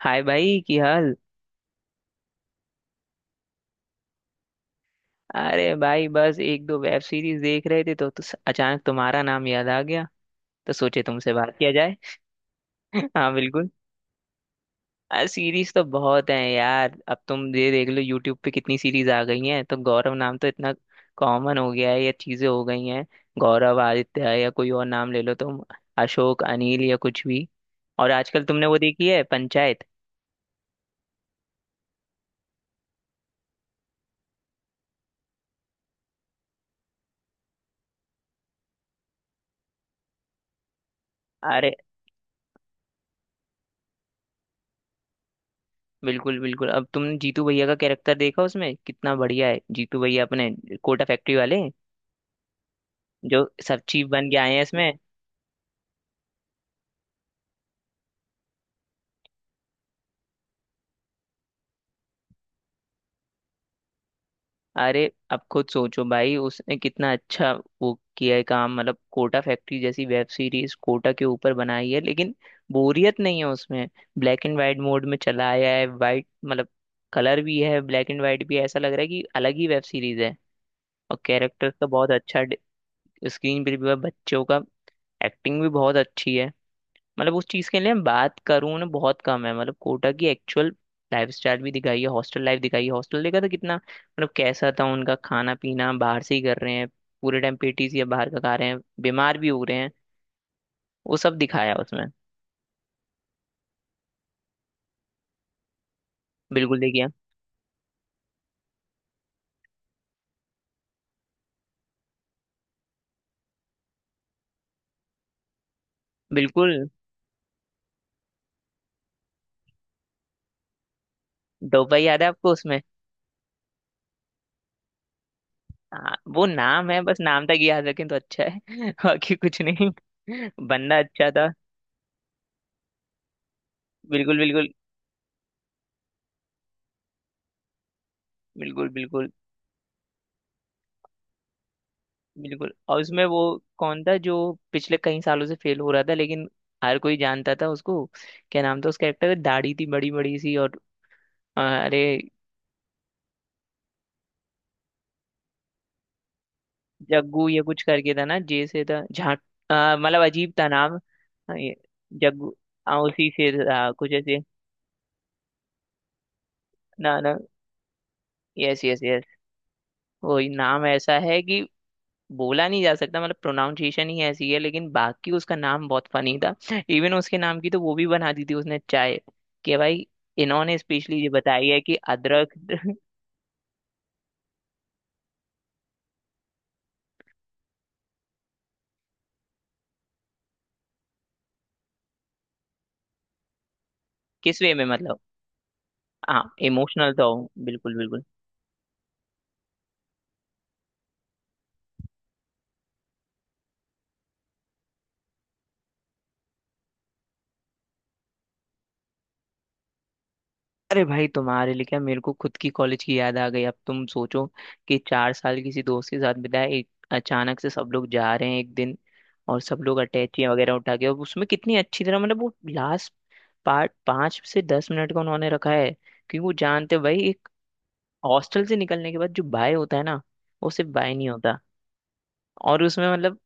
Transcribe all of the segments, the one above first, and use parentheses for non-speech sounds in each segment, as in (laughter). हाय भाई की हाल। अरे भाई बस एक दो वेब सीरीज देख रहे थे तो अचानक तुम्हारा नाम याद आ गया। तो सोचे तुमसे बात किया जाए। (laughs) हाँ बिल्कुल। सीरीज तो बहुत हैं यार, अब तुम ये देख लो यूट्यूब पे कितनी सीरीज आ गई हैं, तो गौरव नाम तो इतना कॉमन हो गया है, ये चीजें हो गई हैं। गौरव, आदित्य या कोई और नाम ले लो तुम, अशोक, अनिल या कुछ भी। और आजकल तुमने वो देखी है, पंचायत? बिल्कुल बिल्कुल। अब तुमने जीतू भैया का कैरेक्टर देखा उसमें कितना बढ़िया है, जीतू भैया अपने कोटा फैक्ट्री वाले, जो सब चीफ बन के आए हैं इसमें। अरे अब खुद सोचो भाई, उसने कितना अच्छा वो किया है काम, मतलब कोटा फैक्ट्री जैसी वेब सीरीज कोटा के ऊपर बनाई है लेकिन बोरियत नहीं है उसमें। ब्लैक एंड वाइट मोड में चला आया है, वाइट मतलब कलर भी है, ब्लैक एंड वाइट भी है, ऐसा लग रहा है कि अलग ही वेब सीरीज है। और कैरेक्टर का बहुत अच्छा, स्क्रीन पर भी बच्चों का एक्टिंग भी बहुत अच्छी है। मतलब उस चीज के लिए मैं बात करूँ ना, बहुत कम है। मतलब कोटा की एक्चुअल लाइफ स्टाइल भी दिखाई है, हॉस्टल लाइफ दिखाई है, हॉस्टल देखा था कितना, मतलब कैसा था उनका खाना पीना, बाहर से ही कर रहे हैं, पूरे टाइम पेटीज या बाहर का खा रहे हैं, बीमार भी हो रहे हैं, वो सब दिखाया उसमें। बिल्कुल देखिए। बिल्कुल। डोबा याद है आपको उसमें? हाँ, वो नाम है, बस नाम तक याद रखें तो अच्छा है (laughs) बाकी कुछ नहीं। बंदा अच्छा था। बिल्कुल बिल्कुल। बिल्कुल बिल्कुल। बिल्कुल और उसमें वो कौन था जो पिछले कई सालों से फेल हो रहा था, लेकिन हर कोई जानता था उसको, क्या नाम था उस कैरेक्टर, दाढ़ी थी बड़ी बड़ी सी और अरे, जग्गू ये कुछ करके था ना, जे से था, झा। मतलब अजीब था नाम, हाँ, ये जग्गू। हाँ, उसी से था कुछ ऐसे। ना ना। Yes yes yes. वही नाम ऐसा है कि बोला नहीं जा सकता, मतलब प्रोनाउंसिएशन ही ऐसी है, लेकिन बाकी उसका नाम बहुत फनी था। इवन उसके नाम की तो वो भी बना दी थी उसने चाय कि भाई इन्होंने स्पेशली ये बताई है कि अदरक (laughs) किस वे में मतलब? हाँ इमोशनल तो हो, बिल्कुल बिल्कुल। अरे भाई तुम्हारे लिए क्या, मेरे को खुद की कॉलेज की याद आ गई। अब तुम सोचो कि 4 साल किसी दोस्त के साथ बिताए, एक अचानक से सब लोग जा रहे हैं एक दिन, और सब लोग अटैची वगैरह उठा के, और उसमें कितनी अच्छी तरह, मतलब वो लास्ट पार्ट 5 से 10 मिनट का उन्होंने रखा है, क्योंकि वो जानते हैं भाई एक हॉस्टल से निकलने के बाद जो बाय होता है ना, वो सिर्फ बाय नहीं होता। और उसमें मतलब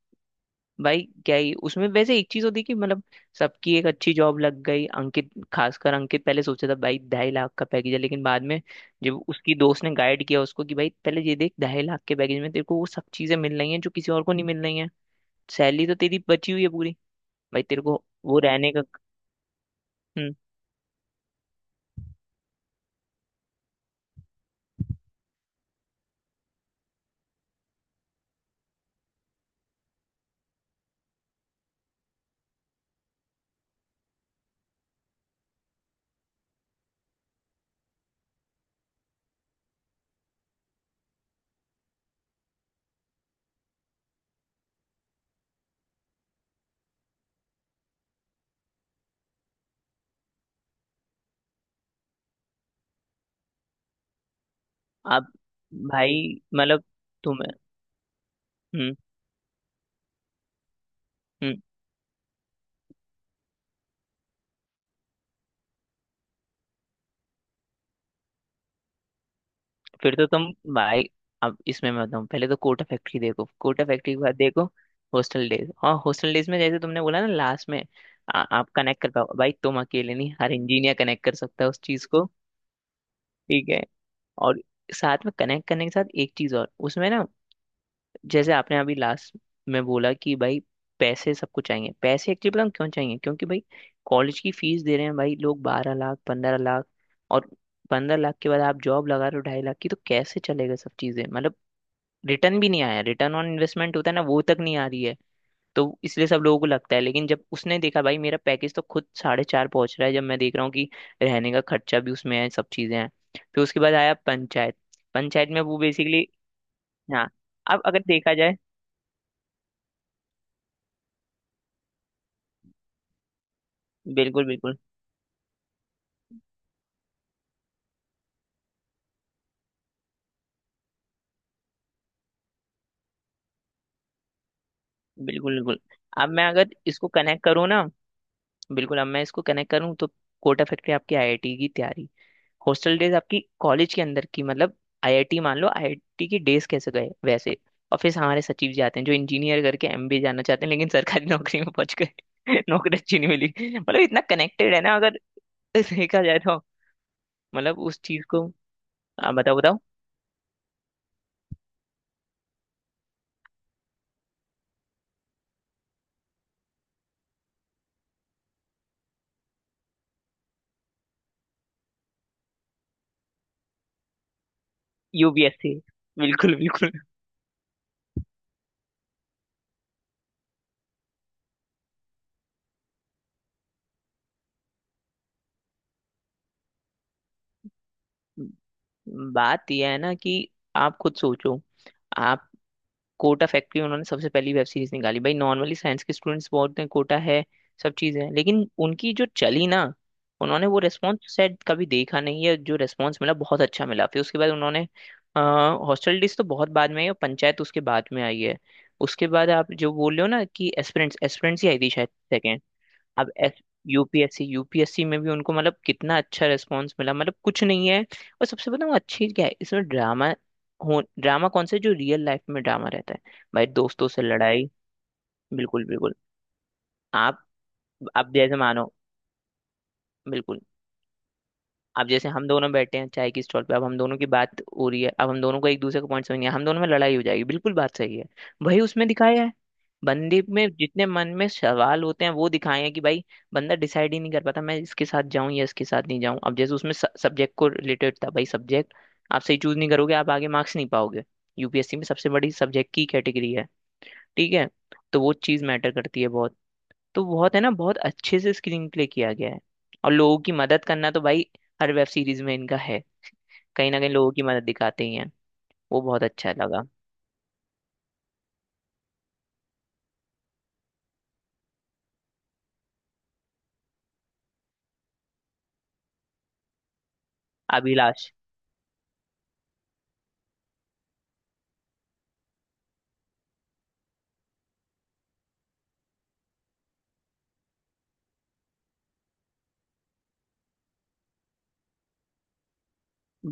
भाई क्या ही उसमें, वैसे एक चीज होती कि मतलब सबकी एक अच्छी जॉब लग गई, अंकित, खासकर अंकित पहले सोचा था भाई 2.5 लाख का पैकेज है, लेकिन बाद में जब उसकी दोस्त ने गाइड किया उसको कि भाई पहले ये देख, 2.5 लाख के पैकेज में तेरे को वो सब चीजें मिल रही हैं जो किसी और को नहीं मिल रही हैं, सैलरी तो तेरी बची हुई है पूरी, भाई तेरे को वो रहने का। हम्म। आप भाई मतलब तुम्हें। हम्म। हम्म। फिर तो तुम भाई, अब इसमें मैं बताऊँ, पहले तो कोटा फैक्ट्री देखो, कोटा फैक्ट्री के बाद देखो हॉस्टल डेज, और हॉस्टल डेज में जैसे तुमने बोला ना लास्ट में, आप कनेक्ट कर पाओ। भाई तुम अकेले नहीं, हर इंजीनियर कनेक्ट कर सकता है उस चीज को। ठीक है। और साथ में कनेक्ट करने के साथ एक चीज और उसमें ना, जैसे आपने अभी लास्ट में बोला कि भाई पैसे सबको चाहिए, पैसे एक्चुअली पता है क्यों चाहिए, क्योंकि भाई कॉलेज की फीस दे रहे हैं भाई लोग, 12 लाख, 15 लाख, और 15 लाख के बाद आप जॉब लगा रहे हो 2.5 लाख की, तो कैसे चलेगा, सब चीजें मतलब रिटर्न भी नहीं आया, रिटर्न ऑन इन्वेस्टमेंट होता है ना, वो तक नहीं आ रही है। तो इसलिए सब लोगों को लगता है, लेकिन जब उसने देखा भाई मेरा पैकेज तो खुद साढ़े चार पहुंच रहा है, जब मैं देख रहा हूँ कि रहने का खर्चा भी उसमें है, सब चीजें हैं। फिर उसके बाद आया पंचायत, पंचायत में वो बेसिकली, हाँ अब अगर देखा जाए, बिल्कुल बिल्कुल। बिल्कुल बिल्कुल। अब मैं अगर इसको कनेक्ट करूँ ना, बिल्कुल अब मैं इसको कनेक्ट करूँ तो कोटा फैक्ट्री आपकी आईआईटी की तैयारी, हॉस्टल डेज आपकी कॉलेज के अंदर की, मतलब आईआईटी मान लो, आईआईटी की डेज कैसे गए वैसे। और फिर हमारे सचिव जी आते हैं जो इंजीनियर करके एमबीए जाना चाहते हैं, लेकिन सरकारी (laughs) नौकरी में पहुंच गए (laughs) नौकरी अच्छी नहीं मिली, मतलब इतना कनेक्टेड है ना अगर (laughs) देखा जाए तो। मतलब उस चीज को बताओ बताओ। यूपीएससी। बिल्कुल बिल्कुल। बात यह है ना कि आप खुद सोचो, आप कोटा फैक्ट्री, उन्होंने सबसे पहली वेब सीरीज निकाली भाई। नॉर्मली साइंस के स्टूडेंट्स बहुत हैं, कोटा है, सब चीज़ है, लेकिन उनकी जो चली ना, उन्होंने वो रेस्पॉन्स शायद कभी देखा नहीं है, जो रेस्पॉन्स मिला, बहुत अच्छा मिला। फिर उसके बाद उन्होंने हॉस्टल डिस तो बहुत बाद में आई, और पंचायत उसके बाद में आई है। उसके बाद आप जो बोल रहे हो ना कि एस्पिरेंट्स, एस्पिरेंट्स ही आई थी शायद सेकेंड। अब एस यूपीएससी, यूपीएससी में भी उनको मतलब कितना अच्छा रेस्पॉन्स मिला, मतलब कुछ नहीं है। और सबसे बताऊँ अच्छी चीज़ क्या है इसमें ड्रामा हो, ड्रामा कौन सा है, जो रियल लाइफ में ड्रामा रहता है, भाई दोस्तों से लड़ाई। बिल्कुल बिल्कुल। आप आप जैसे मानो, बिल्कुल। अब जैसे हम दोनों बैठे हैं चाय की स्टॉल पे, अब हम दोनों की बात हो रही है, अब हम दोनों को एक दूसरे का पॉइंट समझ नहीं है, हम दोनों में लड़ाई हो जाएगी। बिल्कुल बात सही है। वही उसमें दिखाया है। बंदे में जितने मन में सवाल होते हैं वो दिखाए हैं, कि भाई बंदा डिसाइड ही नहीं कर पाता, मैं इसके साथ जाऊं या इसके साथ नहीं जाऊं। अब जैसे उसमें सब्जेक्ट को रिलेटेड था, भाई सब्जेक्ट आप सही चूज नहीं करोगे, आप आगे मार्क्स नहीं पाओगे। यूपीएससी में सबसे बड़ी सब्जेक्ट की कैटेगरी है, ठीक है, तो वो चीज़ मैटर करती है बहुत। तो बहुत है ना, बहुत अच्छे से स्क्रीन प्ले किया गया है। और लोगों की मदद करना तो भाई हर वेब सीरीज में इनका है, कहीं ना कहीं लोगों की मदद दिखाते ही हैं, वो बहुत अच्छा लगा। अभिलाष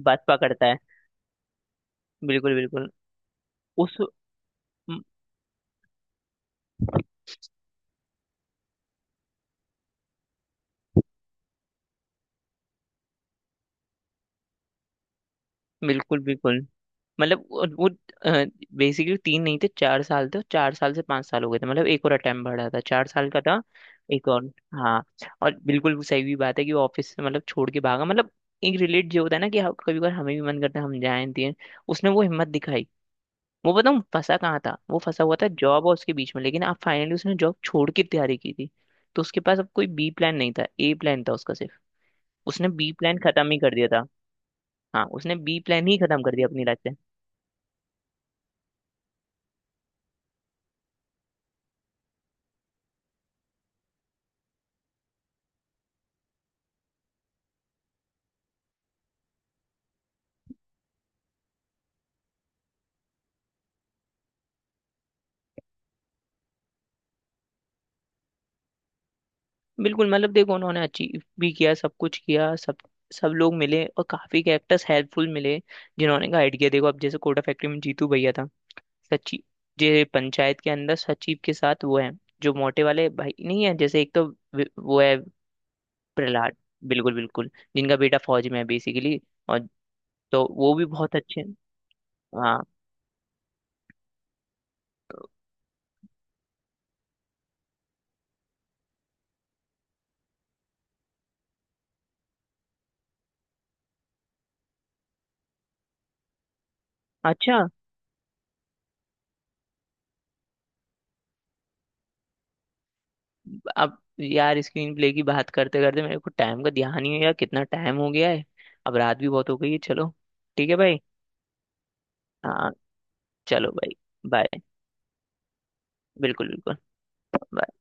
बस पकड़ता है। बिल्कुल बिल्कुल। उस, बिल्कुल बिल्कुल। मतलब वो बेसिकली तीन नहीं थे, 4 साल थे, और 4 साल से 5 साल हो गए थे, मतलब एक और अटेम्प्ट बढ़ा था, चार साल का था। एक और, हाँ। और बिल्कुल वो सही भी बात है कि वो ऑफिस से मतलब छोड़ के भागा, मतलब एक रिलेट जो होता है ना कि हाँ, कभी कभार हमें भी मन करता है हम जाएं दिए, उसने वो हिम्मत दिखाई। वो बताऊँ फंसा कहाँ था, वो फंसा हुआ था जॉब और उसके बीच में, लेकिन अब फाइनली उसने जॉब छोड़ के तैयारी की थी, तो उसके पास अब कोई बी प्लान नहीं था, ए प्लान था उसका सिर्फ। उसने बी प्लान खत्म ही कर दिया था। हाँ उसने बी प्लान ही खत्म कर दिया अपनी लाइफ से। बिल्कुल, मतलब देखो उन्होंने अचीव भी किया, सब कुछ किया, सब, सब लोग मिले और काफी कैरेक्टर्स हेल्पफुल मिले, जिन्होंने गाइड किया। देखो अब जैसे कोटा फैक्ट्री में जीतू भैया था सचिव जे, पंचायत के अंदर सचिव के साथ वो है, जो मोटे वाले भाई नहीं है, जैसे एक तो वो है, प्रहलाद। बिल्कुल बिल्कुल। जिनका बेटा फौज में है बेसिकली, और तो वो भी बहुत अच्छे हैं। हाँ तो अच्छा। अब यार स्क्रीन प्ले की बात करते करते मेरे को टाइम का ध्यान ही नहीं, यार कितना टाइम हो गया है। अब रात भी बहुत हो गई है, चलो। ठीक है भाई। हाँ चलो भाई। बाय। बिल्कुल बिल्कुल। bye।